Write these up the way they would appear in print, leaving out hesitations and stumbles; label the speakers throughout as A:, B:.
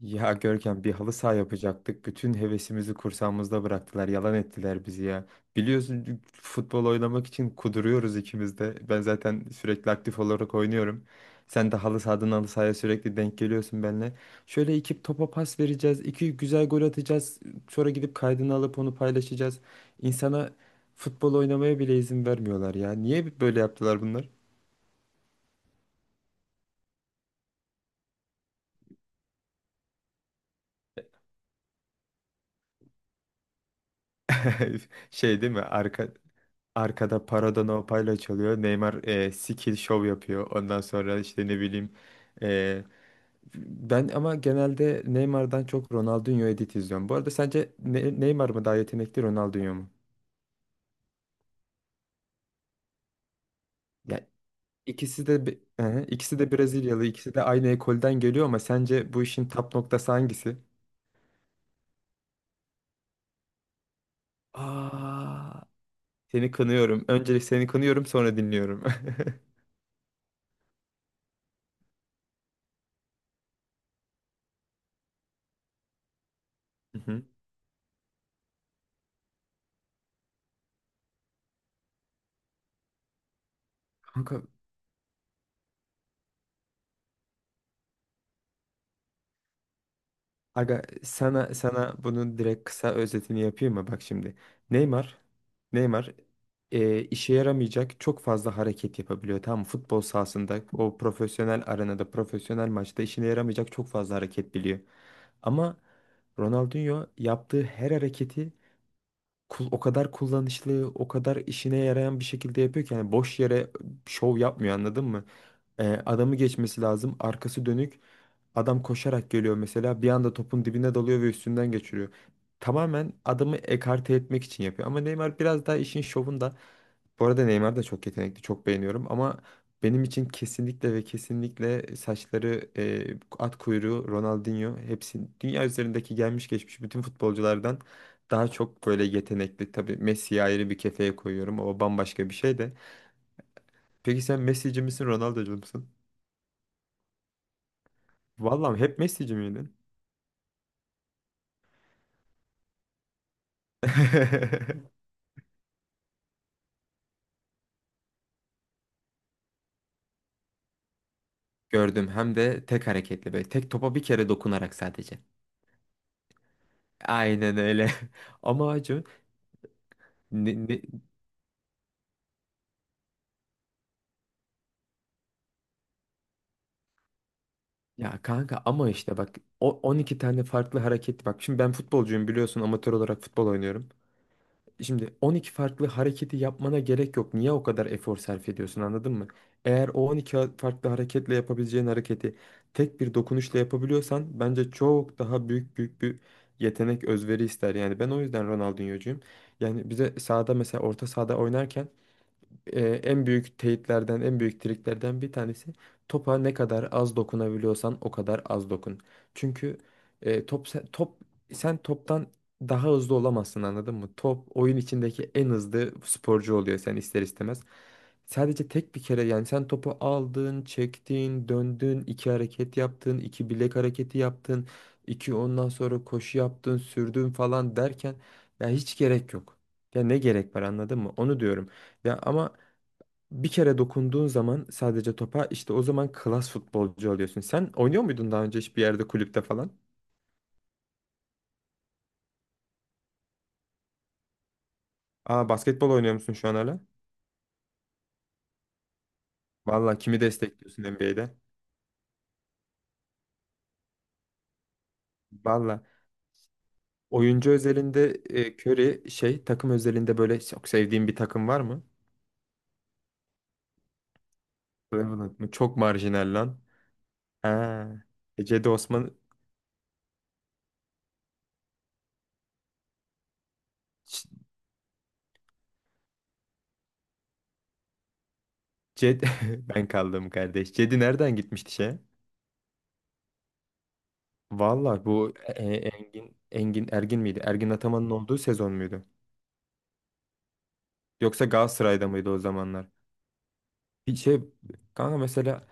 A: Ya Görkem, bir halı saha yapacaktık. Bütün hevesimizi kursağımızda bıraktılar. Yalan ettiler bizi ya. Biliyorsun futbol oynamak için kuduruyoruz ikimiz de. Ben zaten sürekli aktif olarak oynuyorum. Sen de halı sahadan halı sahaya sürekli denk geliyorsun benimle. Şöyle iki topa pas vereceğiz, iki güzel gol atacağız. Sonra gidip kaydını alıp onu paylaşacağız. İnsana futbol oynamaya bile izin vermiyorlar ya. Niye böyle yaptılar bunlar? Şey değil mi? Arkada Parada No Payla çalıyor. Neymar skill show yapıyor. Ondan sonra işte ne bileyim, e, ben ama genelde Neymar'dan çok Ronaldinho edit izliyorum. Bu arada sence Neymar mı daha yetenekli, Ronaldinho mu? Ya ikisi de hı hı, ikisi de Brezilyalı, ikisi de aynı ekolden geliyor ama sence bu işin tap noktası hangisi? Aa, seni kınıyorum. Öncelik seni kınıyorum, sonra dinliyorum. Hı hı. Kanka aga, sana bunun direkt kısa özetini yapayım mı? Bak şimdi. Neymar Neymar işe yaramayacak çok fazla hareket yapabiliyor. Tamam mı? Futbol sahasında, o profesyonel arenada, profesyonel maçta işine yaramayacak çok fazla hareket biliyor. Ama Ronaldinho yaptığı her hareketi o kadar kullanışlı, o kadar işine yarayan bir şekilde yapıyor ki, yani boş yere şov yapmıyor, anladın mı? Adamı geçmesi lazım, arkası dönük. Adam koşarak geliyor mesela, bir anda topun dibine dalıyor ve üstünden geçiriyor. Tamamen adamı ekarte etmek için yapıyor. Ama Neymar biraz daha işin şovunda. Bu arada Neymar da çok yetenekli, çok beğeniyorum ama benim için kesinlikle ve kesinlikle saçları at kuyruğu Ronaldinho hepsi dünya üzerindeki gelmiş geçmiş bütün futbolculardan daha çok böyle yetenekli. Tabii Messi'yi ayrı bir kefeye koyuyorum. O bambaşka bir şey de. Peki sen Messi'ci misin, Ronaldo'cu musun? Vallahi, hep Messi'ci miydin? Gördüm, hem de tek hareketli böyle. Tek, topa bir kere dokunarak sadece. Aynen öyle. Ama Acun ne- ne- ya kanka, ama işte bak, o 12 tane farklı hareket bak. Şimdi ben futbolcuyum, biliyorsun amatör olarak futbol oynuyorum. Şimdi 12 farklı hareketi yapmana gerek yok. Niye o kadar efor sarf ediyorsun, anladın mı? Eğer o 12 farklı hareketle yapabileceğin hareketi tek bir dokunuşla yapabiliyorsan, bence çok daha büyük bir yetenek, özveri ister. Yani ben o yüzden Ronaldinho'cuyum. Yani bize sahada, mesela orta sahada oynarken, en büyük teyitlerden, en büyük triklerden bir tanesi, topa ne kadar az dokunabiliyorsan o kadar az dokun. Çünkü top, sen toptan daha hızlı olamazsın, anladın mı? Top oyun içindeki en hızlı sporcu oluyor, sen ister istemez. Sadece tek bir kere, yani sen topu aldın, çektin, döndün, iki hareket yaptın, iki bilek hareketi yaptın, iki ondan sonra koşu yaptın, sürdün falan derken ya hiç gerek yok. Ya ne gerek var, anladın mı? Onu diyorum. Ya ama bir kere dokunduğun zaman sadece topa, işte o zaman klas futbolcu oluyorsun. Sen oynuyor muydun daha önce hiçbir yerde, kulüpte falan? Aa, basketbol oynuyor musun şu an hala? Valla kimi destekliyorsun NBA'de? Valla, oyuncu özelinde Curry, şey, takım özelinde böyle çok sevdiğin bir takım var mı? Cleveland mı? Çok marjinal lan. Ha. E, Cedi Osman. Ç- Ced ben kaldım kardeş. Cedi nereden gitmişti şeye? Valla bu Engin Engin Ergin miydi? Ergin Ataman'ın olduğu sezon muydu? Yoksa Galatasaray'da mıydı o zamanlar? Bir şey kanka, mesela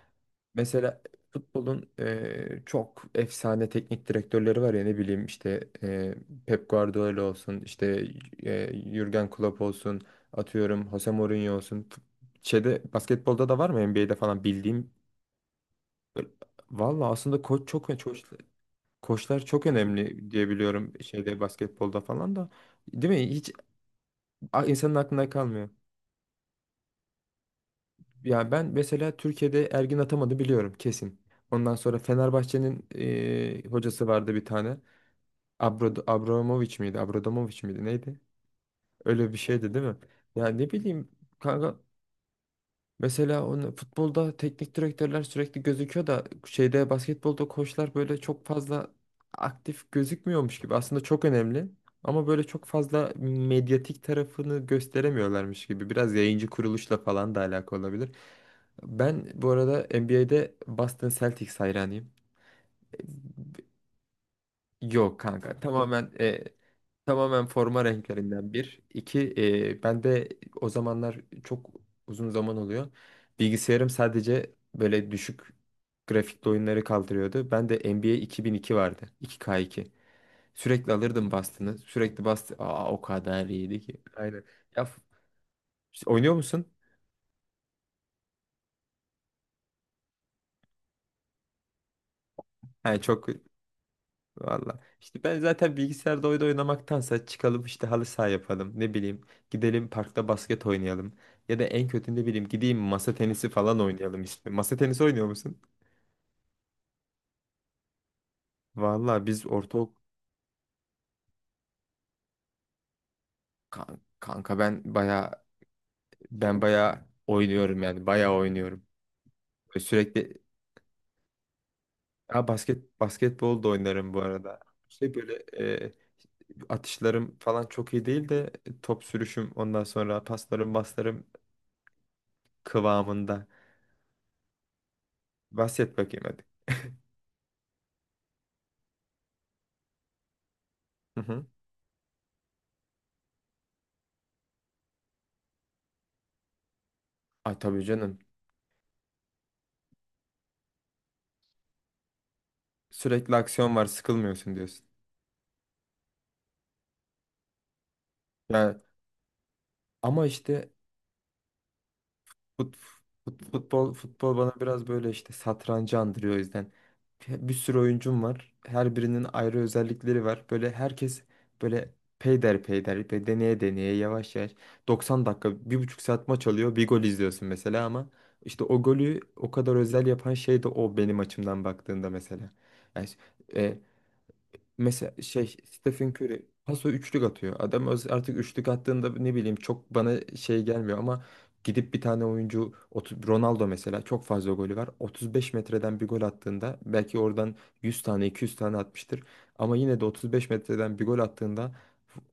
A: mesela futbolun çok efsane teknik direktörleri var ya, ne bileyim işte Pep Guardiola olsun, işte Jürgen Klopp olsun, atıyorum Jose Mourinho olsun. Şeyde, basketbolda da var mı NBA'de falan bildiğim? Valla aslında koçlar çok önemli diye biliyorum şeyde, basketbolda falan da, değil mi? Hiç insanın aklında kalmıyor. Ya ben mesela Türkiye'de Ergin atamadı biliyorum kesin. Ondan sonra Fenerbahçe'nin hocası vardı bir tane. Abramovich miydi? Abramovich miydi? Neydi? Öyle bir şeydi değil mi? Ya ne bileyim kanka, mesela onu, futbolda teknik direktörler sürekli gözüküyor da şeyde, basketbolda koçlar böyle çok fazla aktif gözükmüyormuş gibi. Aslında çok önemli ama böyle çok fazla medyatik tarafını gösteremiyorlarmış gibi. Biraz yayıncı kuruluşla falan da alakalı olabilir. Ben bu arada NBA'de Boston Celtics hayranıyım. Yok kanka, tamamen forma renklerinden bir. İki, ben de o zamanlar çok, uzun zaman oluyor. Bilgisayarım sadece böyle düşük grafikli oyunları kaldırıyordu. Ben de NBA 2002 vardı. 2K2. Sürekli alırdım bastını. Sürekli bastı. Aa, o kadar iyiydi ki. Aynen. Ya oynuyor musun? Yani çok. Valla. İşte ben zaten bilgisayarda oyun oynamaktansa çıkalım işte, halı saha yapalım. Ne bileyim, gidelim parkta basket oynayalım. Ya da en kötü ne bileyim, gideyim masa tenisi falan oynayalım işte. Masa tenisi oynuyor musun? Valla biz orta. Kanka ben baya oynuyorum, yani baya oynuyorum. Böyle sürekli, ha, basketbol da oynarım bu arada. Şey böyle, e, atışlarım falan çok iyi değil de, top sürüşüm, ondan sonra paslarım kıvamında. Bahset bakayım hadi. Hı hı. Ay tabii canım. Sürekli aksiyon var, sıkılmıyorsun diyorsun. Yani ama işte, fut, futbol bana biraz böyle işte satrancı andırıyor o yüzden. Bir sürü oyuncum var. Her birinin ayrı özellikleri var. Böyle herkes böyle peyder peyder ve deneye deneye yavaş yavaş, 90 dakika, 1,5 saat maç oluyor. Bir gol izliyorsun mesela ama işte o golü o kadar özel yapan şey de o, benim açımdan baktığında mesela. Yani e, mesela şey, Stephen Curry paso üçlük atıyor. Adam artık üçlük attığında ne bileyim çok bana şey gelmiyor ama gidip bir tane Ronaldo mesela, çok fazla golü var. 35 metreden bir gol attığında belki oradan 100 tane 200 tane atmıştır. Ama yine de 35 metreden bir gol attığında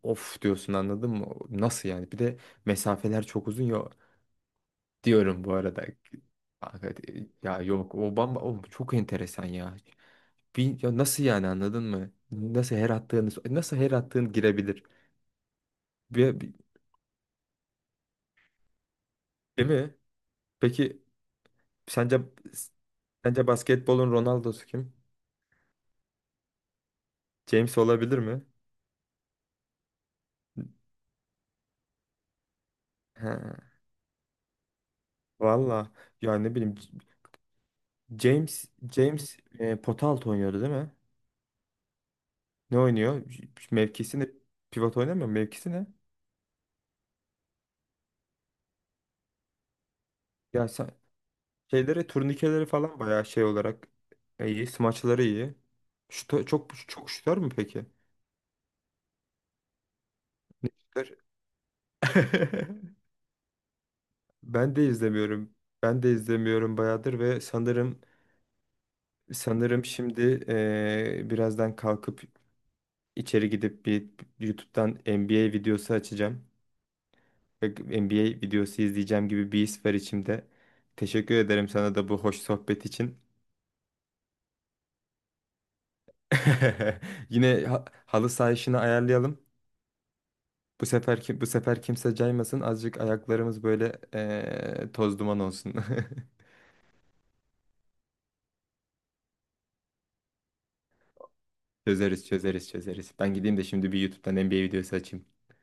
A: of diyorsun, anladın mı? Nasıl yani? Bir de mesafeler çok uzun ya, diyorum bu arada. Ya yok, o çok enteresan ya. Ya nasıl yani, anladın mı? Nasıl her attığın girebilir? Bir- bir- Değil mi? Peki sence sence basketbolun Ronaldo'su kim? James olabilir mi? He, valla ya ne bileyim, James James pota altı oynuyordu değil mi? Ne oynuyor? Mevkisi ne? Pivot oynamıyor mu? Mevkisi ne? Ya sen şeyleri, turnikeleri falan bayağı şey olarak iyi. Smaçları iyi. Çok çok şutör mü peki? Ne şutör? Ben de izlemiyorum. Ben de izlemiyorum bayağıdır ve sanırım şimdi birazdan kalkıp içeri gidip bir YouTube'dan NBA videosu açacağım ve NBA videosu izleyeceğim gibi bir his var içimde. Teşekkür ederim sana da bu hoş sohbet için. Yine halı saha işini ayarlayalım. Bu sefer kimse caymasın. Azıcık ayaklarımız böyle toz duman olsun. Çözeriz, çözeriz, çözeriz. Ben gideyim de şimdi bir YouTube'dan NBA videosu açayım.